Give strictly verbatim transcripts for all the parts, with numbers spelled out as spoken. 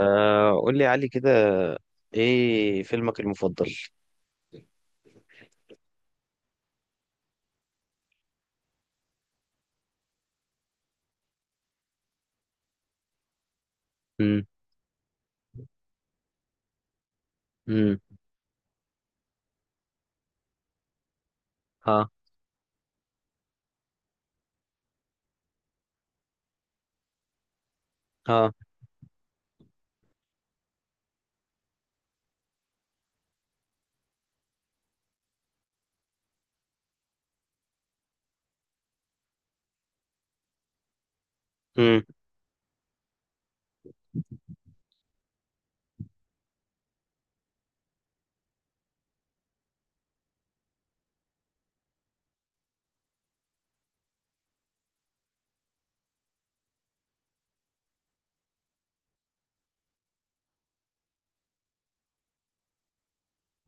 آه قول لي يا علي كده. ايه فيلمك المفضل؟ امم. امم. ها. ها. امم.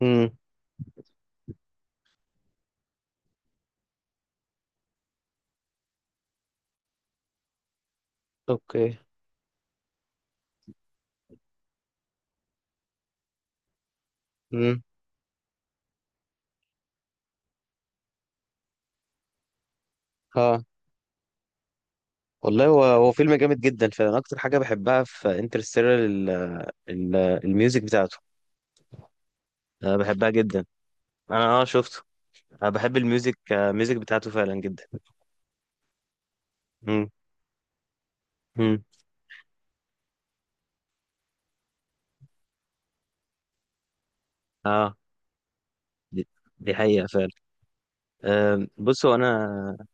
امم. اوكي. امم. ها. والله هو هو فيلم جامد جدا، فانا اكتر حاجه بحبها في انترستيلر الميوزك بتاعته. انا بحبها جدا. انا اه شفته. انا بحب الميوزك آه، الميوزك بتاعته فعلا جدا. امم. امم. اه. دي دي حقيقه فعلا. آه بصوا انا.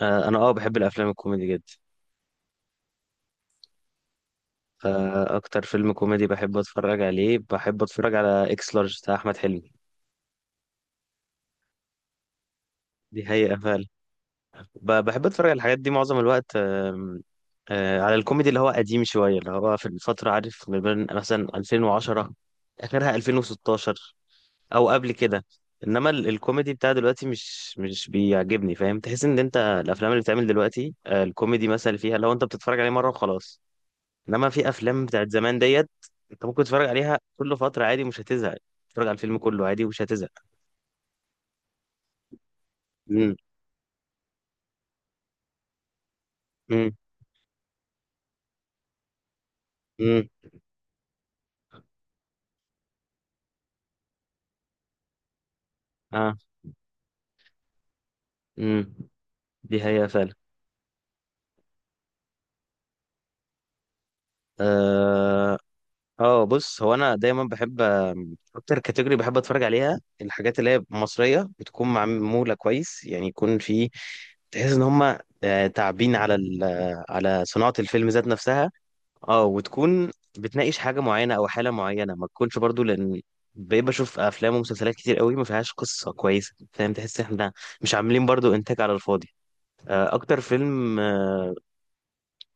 آه انا اه بحب الافلام الكوميدي جدا. فأكتر فيلم كوميدي بحب أتفرج عليه، بحب أتفرج على إكس لارج بتاع أحمد حلمي. دي حقيقة فعلا. ب- بحب أتفرج على الحاجات دي معظم الوقت. آم، آه، على الكوميدي اللي هو قديم شوية، اللي هو في الفترة، عارف، ما بين مثلا ألفين وعشرة آخرها ألفين وستاشر، أو قبل كده. إنما ال- الكوميدي بتاع دلوقتي مش مش بيعجبني، فاهم. تحس إن أنت الأفلام اللي بتعمل دلوقتي آه، الكوميدي مثلا اللي فيها، لو أنت بتتفرج عليه مرة وخلاص. انما في افلام بتاعت زمان ديت، انت ممكن تتفرج عليها كل فتره عادي، مش هتزهق. تتفرج على الفيلم كله عادي ومش هتزهق. امم. امم. امم. اه. امم. دي هي فعلا. اه. آه، بص، هو انا دايما بحب آم، اكتر كاتيجوري بحب اتفرج عليها الحاجات اللي هي مصريه بتكون معموله كويس، يعني يكون في تحس ان هم تعبين على ال- على صناعه الفيلم ذات نفسها. اه، وتكون بتناقش حاجة معينة أو حالة معينة، ما تكونش برضو لأن بقيت بشوف أفلام ومسلسلات كتير قوي ما فيهاش قصة كويسة، فاهم. تحس إحنا مش عاملين برضو إنتاج على الفاضي. آه، أكتر فيلم آه،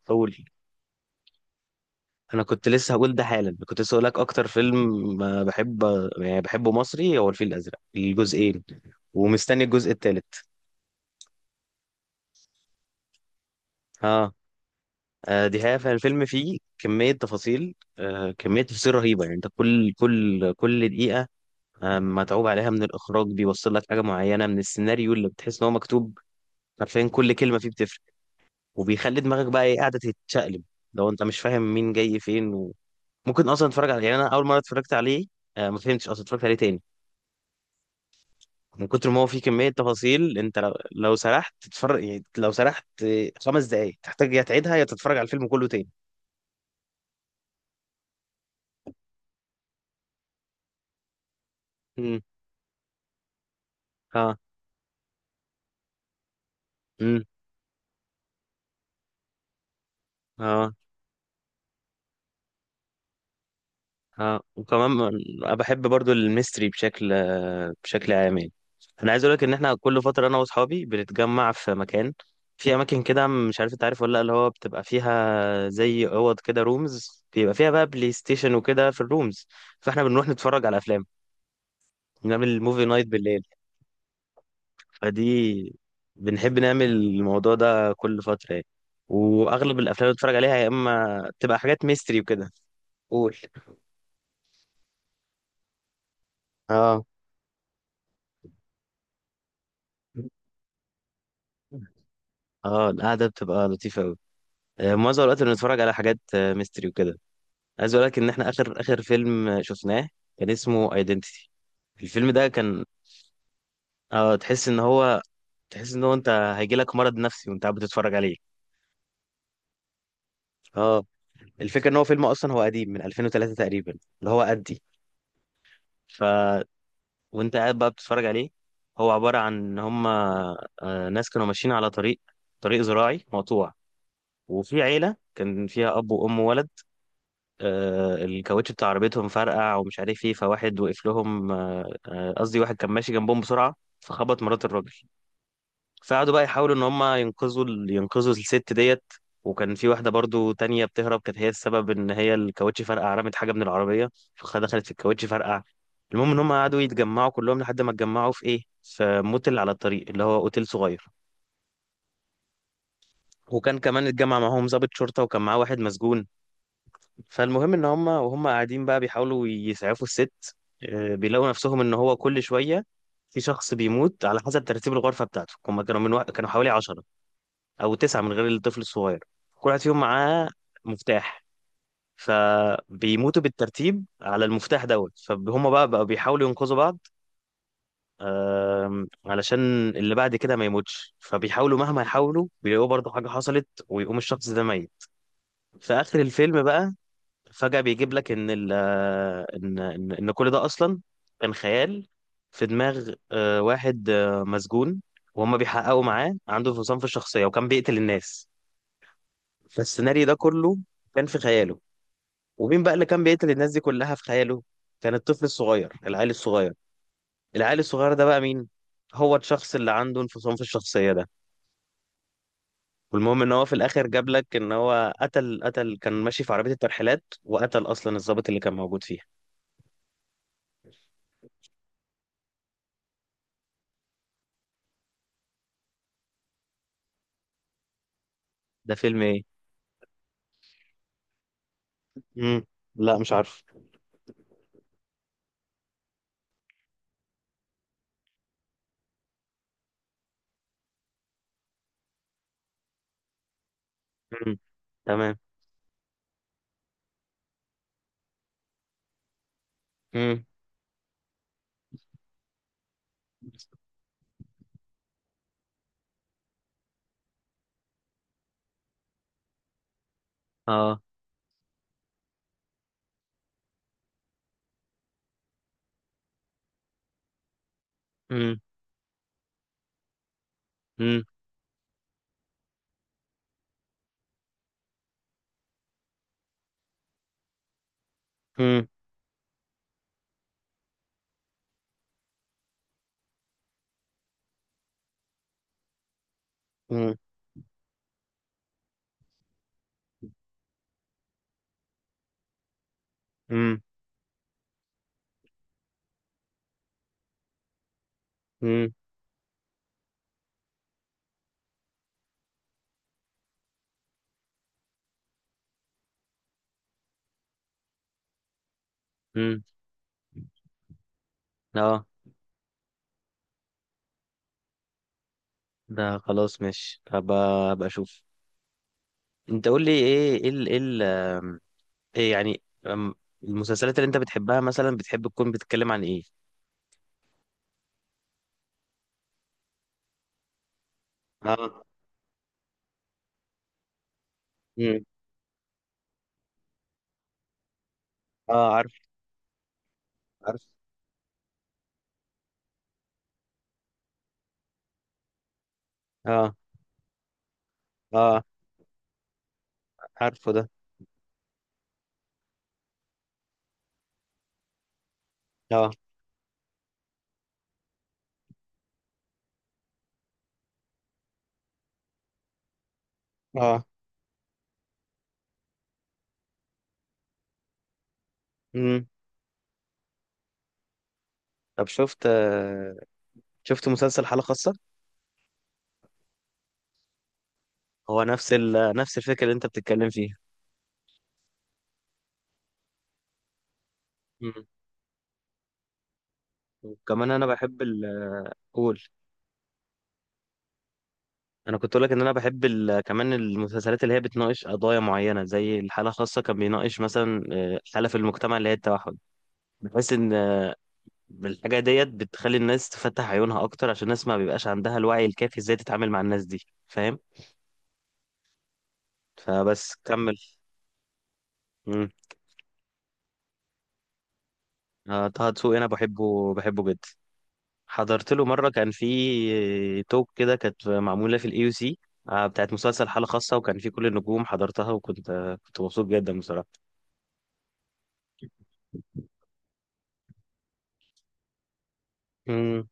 أقول، أنا كنت لسه هقول ده حالا، كنت لسه هقولك أكتر فيلم آه، بحب، يعني بحبه مصري، هو الفيل الأزرق الجزئين. ومستني الجزء الثالث. اه. آه، دي حقيقة. فالفيلم فيه كمية تفاصيل آه، كمية تفاصيل رهيبة. يعني انت كل كل كل دقيقة آه، متعوب عليها من الاخراج، بيوصل لك حاجه معينه من السيناريو اللي بتحس ان هو مكتوب حرفيا. كل كلمه فيه بتفرق، وبيخلي دماغك بقى ايه قاعده تتشقلب لو انت مش فاهم مين جاي فين. وممكن اصلا تتفرج عليه. يعني انا اول مره اتفرجت عليه آه، ما فهمتش، اصلا اتفرجت عليه تاني من كتر ما هو فيه كميه تفاصيل. انت لو, لو سرحت تتفرج، يعني لو سرحت آه، خمس دقائق، تحتاج يا تعيدها يا تتفرج على الفيلم كله تاني. امم. اه. امم. اه. اه. وكمان من- انا بحب برضو الميستري بشكل، بشكل عام يعني. انا عايز اقول لك ان احنا كل فتره انا واصحابي بنتجمع في مكان، في اماكن كده، مش عارف انت عارف ولا لا، اللي هو بتبقى فيها زي اوض كده، رومز، بيبقى فيها بقى بلاي ستيشن وكده في الرومز. فاحنا بنروح نتفرج على افلام، نعمل موفي نايت بالليل. فدي بنحب نعمل الموضوع ده كل فتره يعني. واغلب الافلام اللي بنتفرج عليها يا اما بتبقى حاجات ميستري وكده. قول. اه. اه. القعده بتبقى لطيفه قوي. آه، معظم الوقت اللي بنتفرج على حاجات آه، ميستري وكده. عايز اقول لك ان احنا اخر اخر فيلم آه، شفناه كان اسمه ايدنتيتي. الفيلم ده كان، اه تحس ان هو، تحس ان هو انت هيجي لك مرض نفسي وانت قاعد بتتفرج عليه. اه. الفكره ان هو فيلم اصلا هو قديم من ألفين وثلاثة تقريبا، اللي هو قدي ف وانت قاعد بقى بتتفرج عليه. هو عباره عن ان هم آه، ناس كانوا ماشيين على طريق، طريق زراعي مقطوع. وفي عيله كان فيها اب وام وولد. آه، الكاوتش بتاع عربيتهم فرقع، ومش عارف ايه، فواحد وقف لهم. آه، آه، قصدي واحد كان ماشي جنبهم بسرعة فخبط مرات الراجل. فقعدوا بقى يحاولوا ان هم ينقذوا ال- ينقذوا الست ديت. وكان في واحدة برضو تانية بتهرب، كانت هي السبب ان هي الكاوتش فرقع، رمت حاجة من العربية فدخلت في الكاوتش فرقع. المهم ان هم قعدوا يتجمعوا كلهم لحد ما اتجمعوا في ايه، في موتل على الطريق اللي هو اوتيل صغير. وكان كمان اتجمع معاهم ضابط شرطة، وكان معاه واحد مسجون. فالمهم ان هم وهم قاعدين بقى بيحاولوا يسعفوا الست، آه، بيلاقوا نفسهم ان هو كل شويه في شخص بيموت على حسب ترتيب الغرفه بتاعته. هم كانوا من وق... كانوا حوالي عشرة او تسعة من غير الطفل الصغير. كل واحد فيهم معاه مفتاح، فبيموتوا بالترتيب على المفتاح دوت. فهم بقى بقوا بيحاولوا ينقذوا بعض آم، علشان اللي بعد كده ما يموتش. فبيحاولوا مهما يحاولوا بيلاقوا برضه حاجه حصلت ويقوم الشخص ده ميت. في اخر الفيلم بقى فجأة بيجيب لك ان ال ان ان إن كل ده اصلا كان خيال في دماغ آه، واحد آه، مسجون، وهم بيحققوا معاه، عنده انفصام في الشخصية وكان بيقتل الناس. فالسيناريو ده كله كان في خياله. ومين بقى اللي كان بيقتل الناس دي كلها في خياله؟ كان الطفل الصغير، العيل الصغير. العيل الصغير ده بقى مين؟ هو الشخص اللي عنده انفصام في الشخصية ده. والمهم ان هو في الاخر جاب لك ان هو قتل قتل كان ماشي في عربية الترحيلات وقتل اصلا الضابط اللي كان موجود فيها. ده فيلم إيه؟ مم. لا مش عارف. مم. تمام. مم. اه. مم. مم. مم. مم. مم. مم. مم. اه، ده خلاص، ماشي، هبقى، هبقى اشوف. انت قول لي ايه، ايه ال- ايه ال- آم، ايه يعني آم، المسلسلات اللي انت بتحبها مثلا بتحب تكون بتتكلم عن ايه؟ اه. مم. اه عارف عارف. اه. اه. عارفه ده. اه. اه. مم. طب شفت آه، شفت مسلسل حالة خاصة؟ هو نفس ال... نفس الفكرة اللي انت بتتكلم فيها. وكمان انا بحب ال قول. انا كنت اقول لك ان انا بحب ال... كمان المسلسلات اللي هي بتناقش قضايا معينه، زي الحاله خاصه كان بيناقش مثلا آه، حاله في المجتمع اللي هي التوحد. بحس ان آه، الحاجه ديت بتخلي الناس تفتح عيونها اكتر، عشان الناس ما بيبقاش عندها الوعي الكافي ازاي تتعامل مع الناس دي، فاهم. فبس كمل. امم. آه، طه دسوقي انا بحبه، بحبه جدا. حضرت له مره كان في توك كده، كانت معموله في الاي يو سي بتاعت مسلسل حاله خاصه، وكان في كل النجوم حضرتها، وكنت آه، كنت مبسوط جدا بصراحه. امم.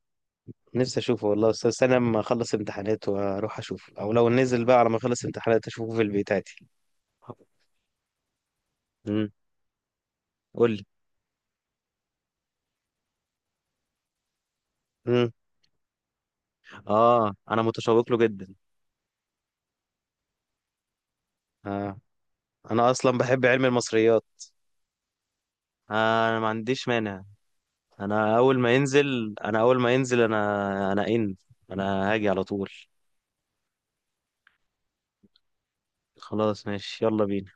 نفسي اشوفه والله، بس استنى لما اخلص امتحانات واروح اشوفه، او لو نزل بقى على ما اخلص امتحانات اشوفه في البيت عادي. امم. قول لي. امم. اه انا متشوق له جدا. آه. انا اصلا بحب علم المصريات. آه. انا ما عنديش مانع. انا اول ما ينزل، انا اول ما ينزل، انا انا ان انا هاجي على طول. خلاص ماشي، يلا بينا.